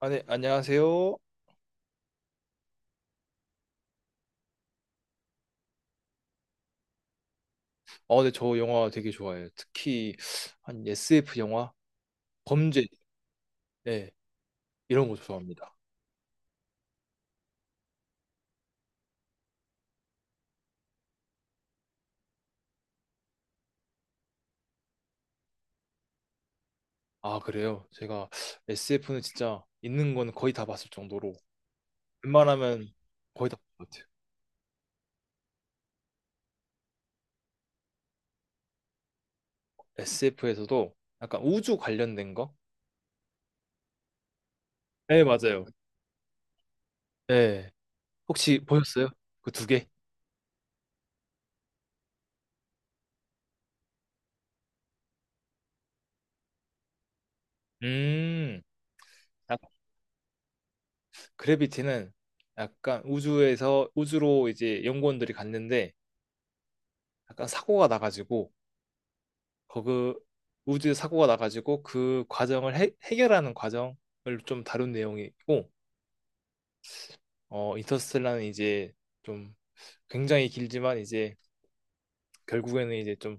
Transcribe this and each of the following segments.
아, 네, 안녕하세요. 네, 저 영화 되게 좋아해요. 특히 한 SF 영화, 범죄, 네, 이런 거 좋아합니다. 아, 그래요? 제가 SF는 진짜 있는 건 거의 다 봤을 정도로 웬만하면 거의 다 본 것 같아요. SF에서도 약간 우주 관련된 거? 네, 맞아요. 네, 혹시 보셨어요? 그 2개? 음, 약- 그래비티는 약간 우주에서 우주로 이제 연구원들이 갔는데 약간 사고가 나가지고 거기 우주에 사고가 나가지고 그 과정을 해결하는 과정을 좀 다룬 내용이고, 인터스텔라는 이제 좀 굉장히 길지만 이제 결국에는 이제 좀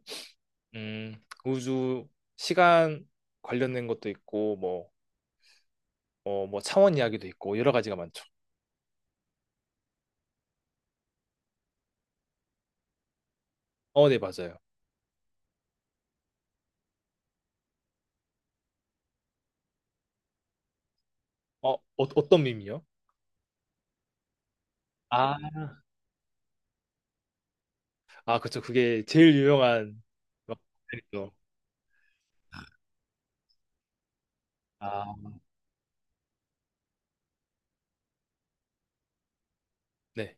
우주 시간 관련된 것도 있고 뭐 뭐 차원 이야기도 있고 여러 가지가 많죠. 네, 맞아요. 어, 어 어떤 밈이요? 아, 아, 그쵸. 그게 제일 유명한 거. 아, 네.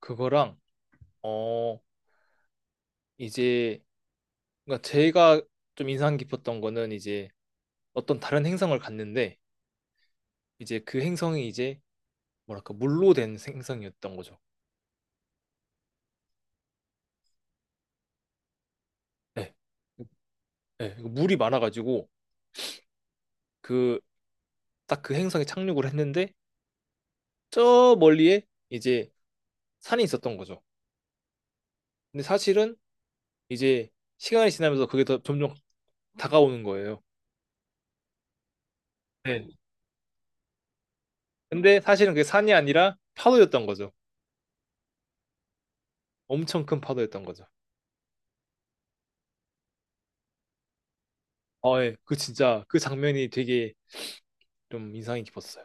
그거랑 어 이제 그러니까 제가 좀 인상 깊었던 거는 이제 어떤 다른 행성을 갔는데, 이제 그 행성이 이제 뭐랄까 물로 된 행성이었던 거죠. 네. 네. 물이 많아가지고, 그 딱 그 행성에 착륙을 했는데 저 멀리에 이제 산이 있었던 거죠. 근데 사실은 이제 시간이 지나면서 그게 더 점점 다가오는 거예요. 네. 근데 사실은 그게 산이 아니라 파도였던 거죠. 엄청 큰 파도였던 거죠. 아, 예. 그 진짜 그 장면이 되게 좀 인상이 깊었어요.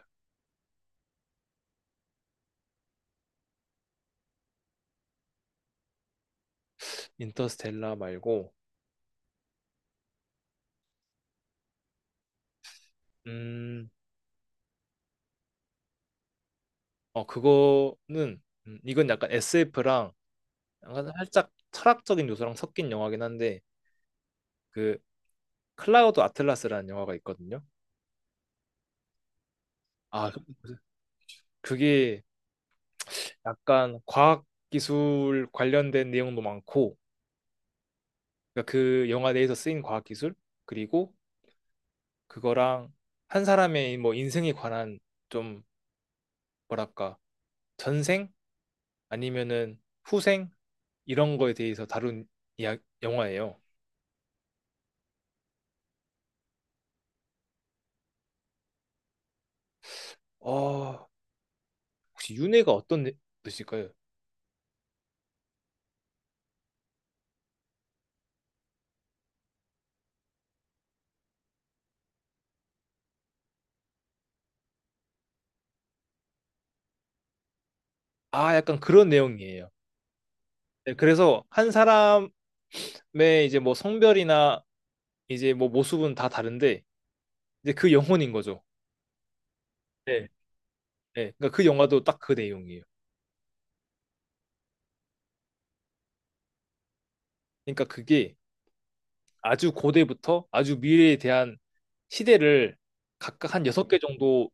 인터스텔라 말고, 음, 그거는, 이건 약간 SF랑 약간 살짝 철학적인 요소랑 섞인 영화긴 한데, 그, 클라우드 아틀라스라는 영화가 있거든요. 아, 그게 약간 과학기술 관련된 내용도 많고, 그러니까 그 영화 내에서 쓰인 과학기술, 그리고 그거랑 한 사람의 뭐 인생에 관한 좀, 뭐랄까, 전생? 아니면은 후생? 이런 거에 대해서 다룬 이야, 영화예요. 어, 혹시 윤회가 어떤 뜻일까요? 아, 약간 그런 내용이에요. 네, 그래서 한 사람의 이제 뭐 성별이나 이제 뭐 모습은 다 다른데 이제 그 영혼인 거죠. 네. 네. 그러니까 그 영화도 딱 그 내용이에요. 그러니까 그게 아주 고대부터 아주 미래에 대한 시대를 각각 한 6개 정도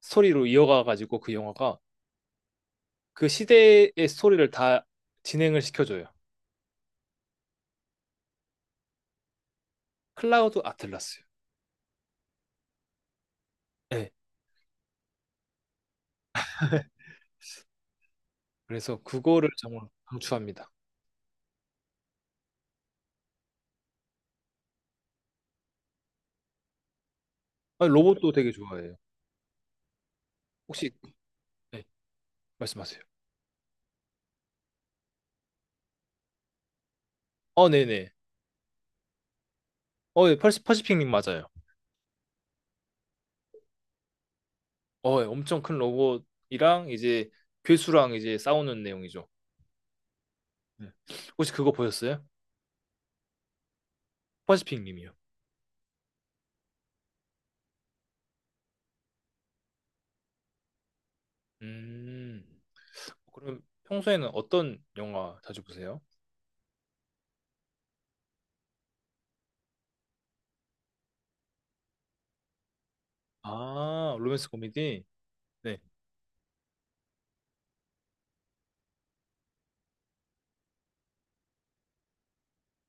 스토리로 이어가 가지고 그 영화가 그 시대의 스토리를 다 진행을 시켜줘요. 클라우드 아틀라스. 네. 그래서 그거를 정말 강추합니다. 아니, 로봇도 되게 좋아해요. 혹시, 네, 말씀하세요. 네네. 예, 퍼시픽 님 맞아요. 예, 엄청 큰 로봇이랑 이제 괴수랑 이제 싸우는 내용이죠. 네. 혹시 그거 보셨어요? 퍼시픽 님이요. 음, 그럼 평소에는 어떤 영화 자주 보세요? 아, 로맨스 코미디? 네.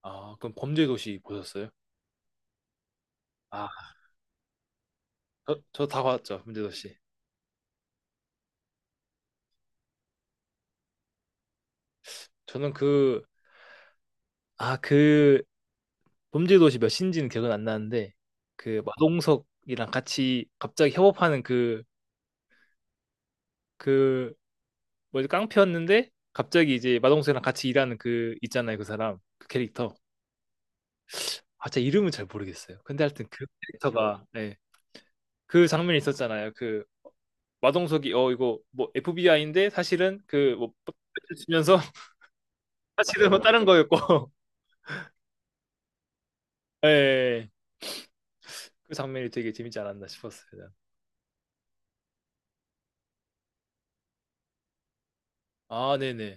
아, 그럼 범죄도시 보셨어요? 아, 저 다 봤죠, 범죄도시. 저는 그, 아, 그 범죄도시 몇 신지는 기억은 안 나는데 그 마동석이랑 같이 갑자기 협업하는 그 뭐지, 깡패였는데 갑자기 이제 마동석이랑 같이 일하는 그, 있잖아요, 그 사람, 그 캐릭터. 아 진짜 이름은 잘 모르겠어요. 근데 하여튼 그 캐릭터가, 예, 그 장면이 있었잖아요. 그 마동석이 이거 뭐 FBI인데 사실은 그뭐 치면서, 사실은 뭐 다른 거였고. 예, 예, 예. 그 장면이 되게 재밌지 않았나 싶었어요. 아, 네네.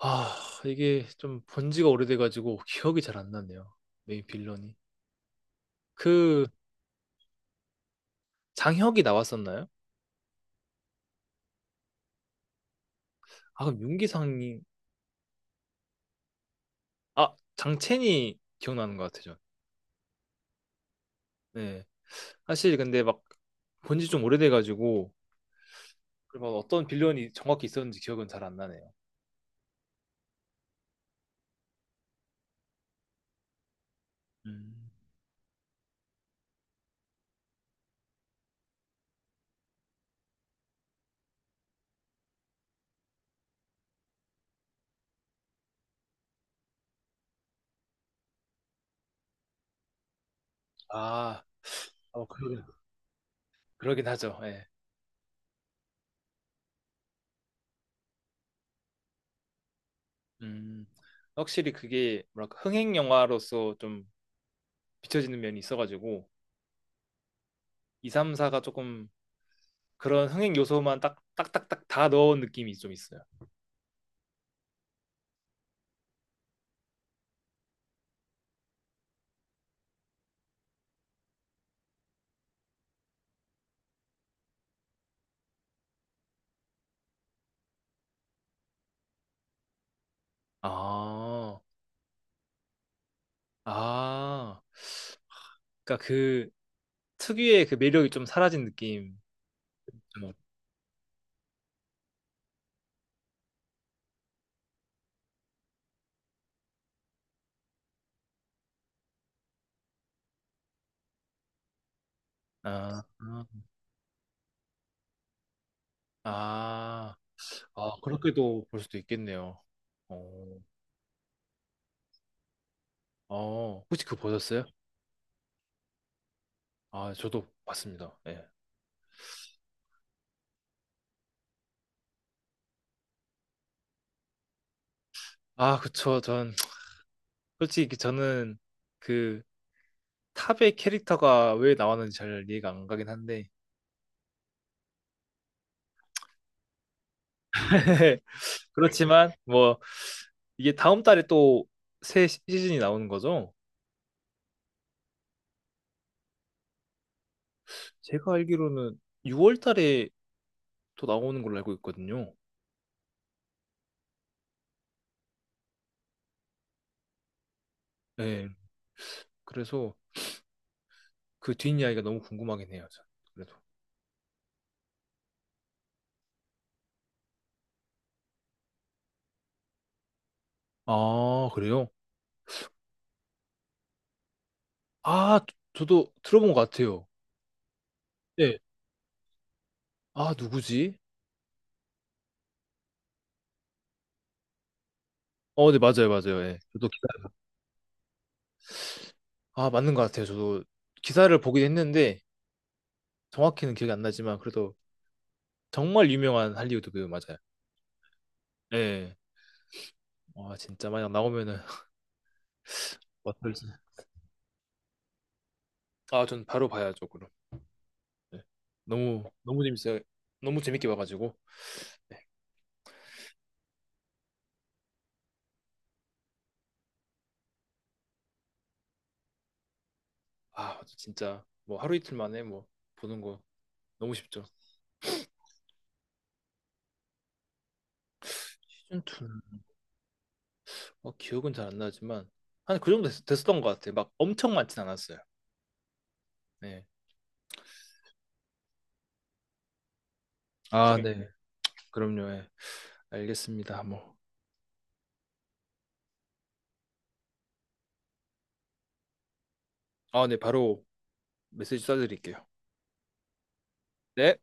아, 이게 좀 본 지가 오래돼가지고 기억이 잘 안 나네요. 메인 빌런이. 그, 장혁이 나왔었나요? 아, 그럼 윤기상이, 아, 장첸이 기억나는 것 같아요, 전. 네. 사실 근데 막 본 지 좀 오래돼가지고, 그막 어떤 빌런이 정확히 있었는지 기억은 잘 안 나네요. 음. 아, 어, 그러긴, 그러긴 하죠. 예. 음. 확실히 그게, 뭐랄까, 흥행 영화로서 좀 비춰지는 면이 있어가지고, 2, 3, 4가 조금 그런 흥행 요소만 딱 딱딱딱 다 넣은 느낌이 좀 있어요. 아, 아, 그러니까 그 특유의 그 매력이 좀 사라진 느낌. 좀, 아, 아, 아, 그렇게도 볼 수도 있겠네요. 어, 혹시 그거 보셨어요? 아, 저도 봤습니다. 예. 아, 그쵸. 전 솔직히 저는 그 탑의 캐릭터가 왜 나왔는지 잘 이해가 안 가긴 한데, 그렇지만 뭐 이게 다음 달에 또 새 시즌이 나오는 거죠? 제가 알기로는 6월 달에 또 나오는 걸로 알고 있거든요. 네, 그래서 그 뒷이야기가 너무 궁금하긴 해요. 그래도. 아, 그래요? 아, 저도 들어본 것 같아요. 네. 아, 누구지? 네, 맞아요, 맞아요. 예. 아, 맞는 것 같아요. 저도 기사를 보긴 했는데 정확히는 기억이 안 나지만 그래도 정말 유명한 할리우드 배우 맞아요. 예. 와, 진짜 만약 나오면은 어떨지. 아, 전 바로 봐야죠, 그럼. 네. 너무 너무 재밌어요. 너무 재밌게 봐가지고, 아 진짜 뭐 하루 이틀 만에 뭐 보는 거 너무 쉽죠. 시즌 2는 기억은 잘 안 나지만 한 그 정도 었던것 같아요. 막 엄청 많진 않았어요. 네. 아, 네. 그럼요. 예. 알겠습니다. 뭐. 아, 네. 바로 메시지 써드릴게요. 네.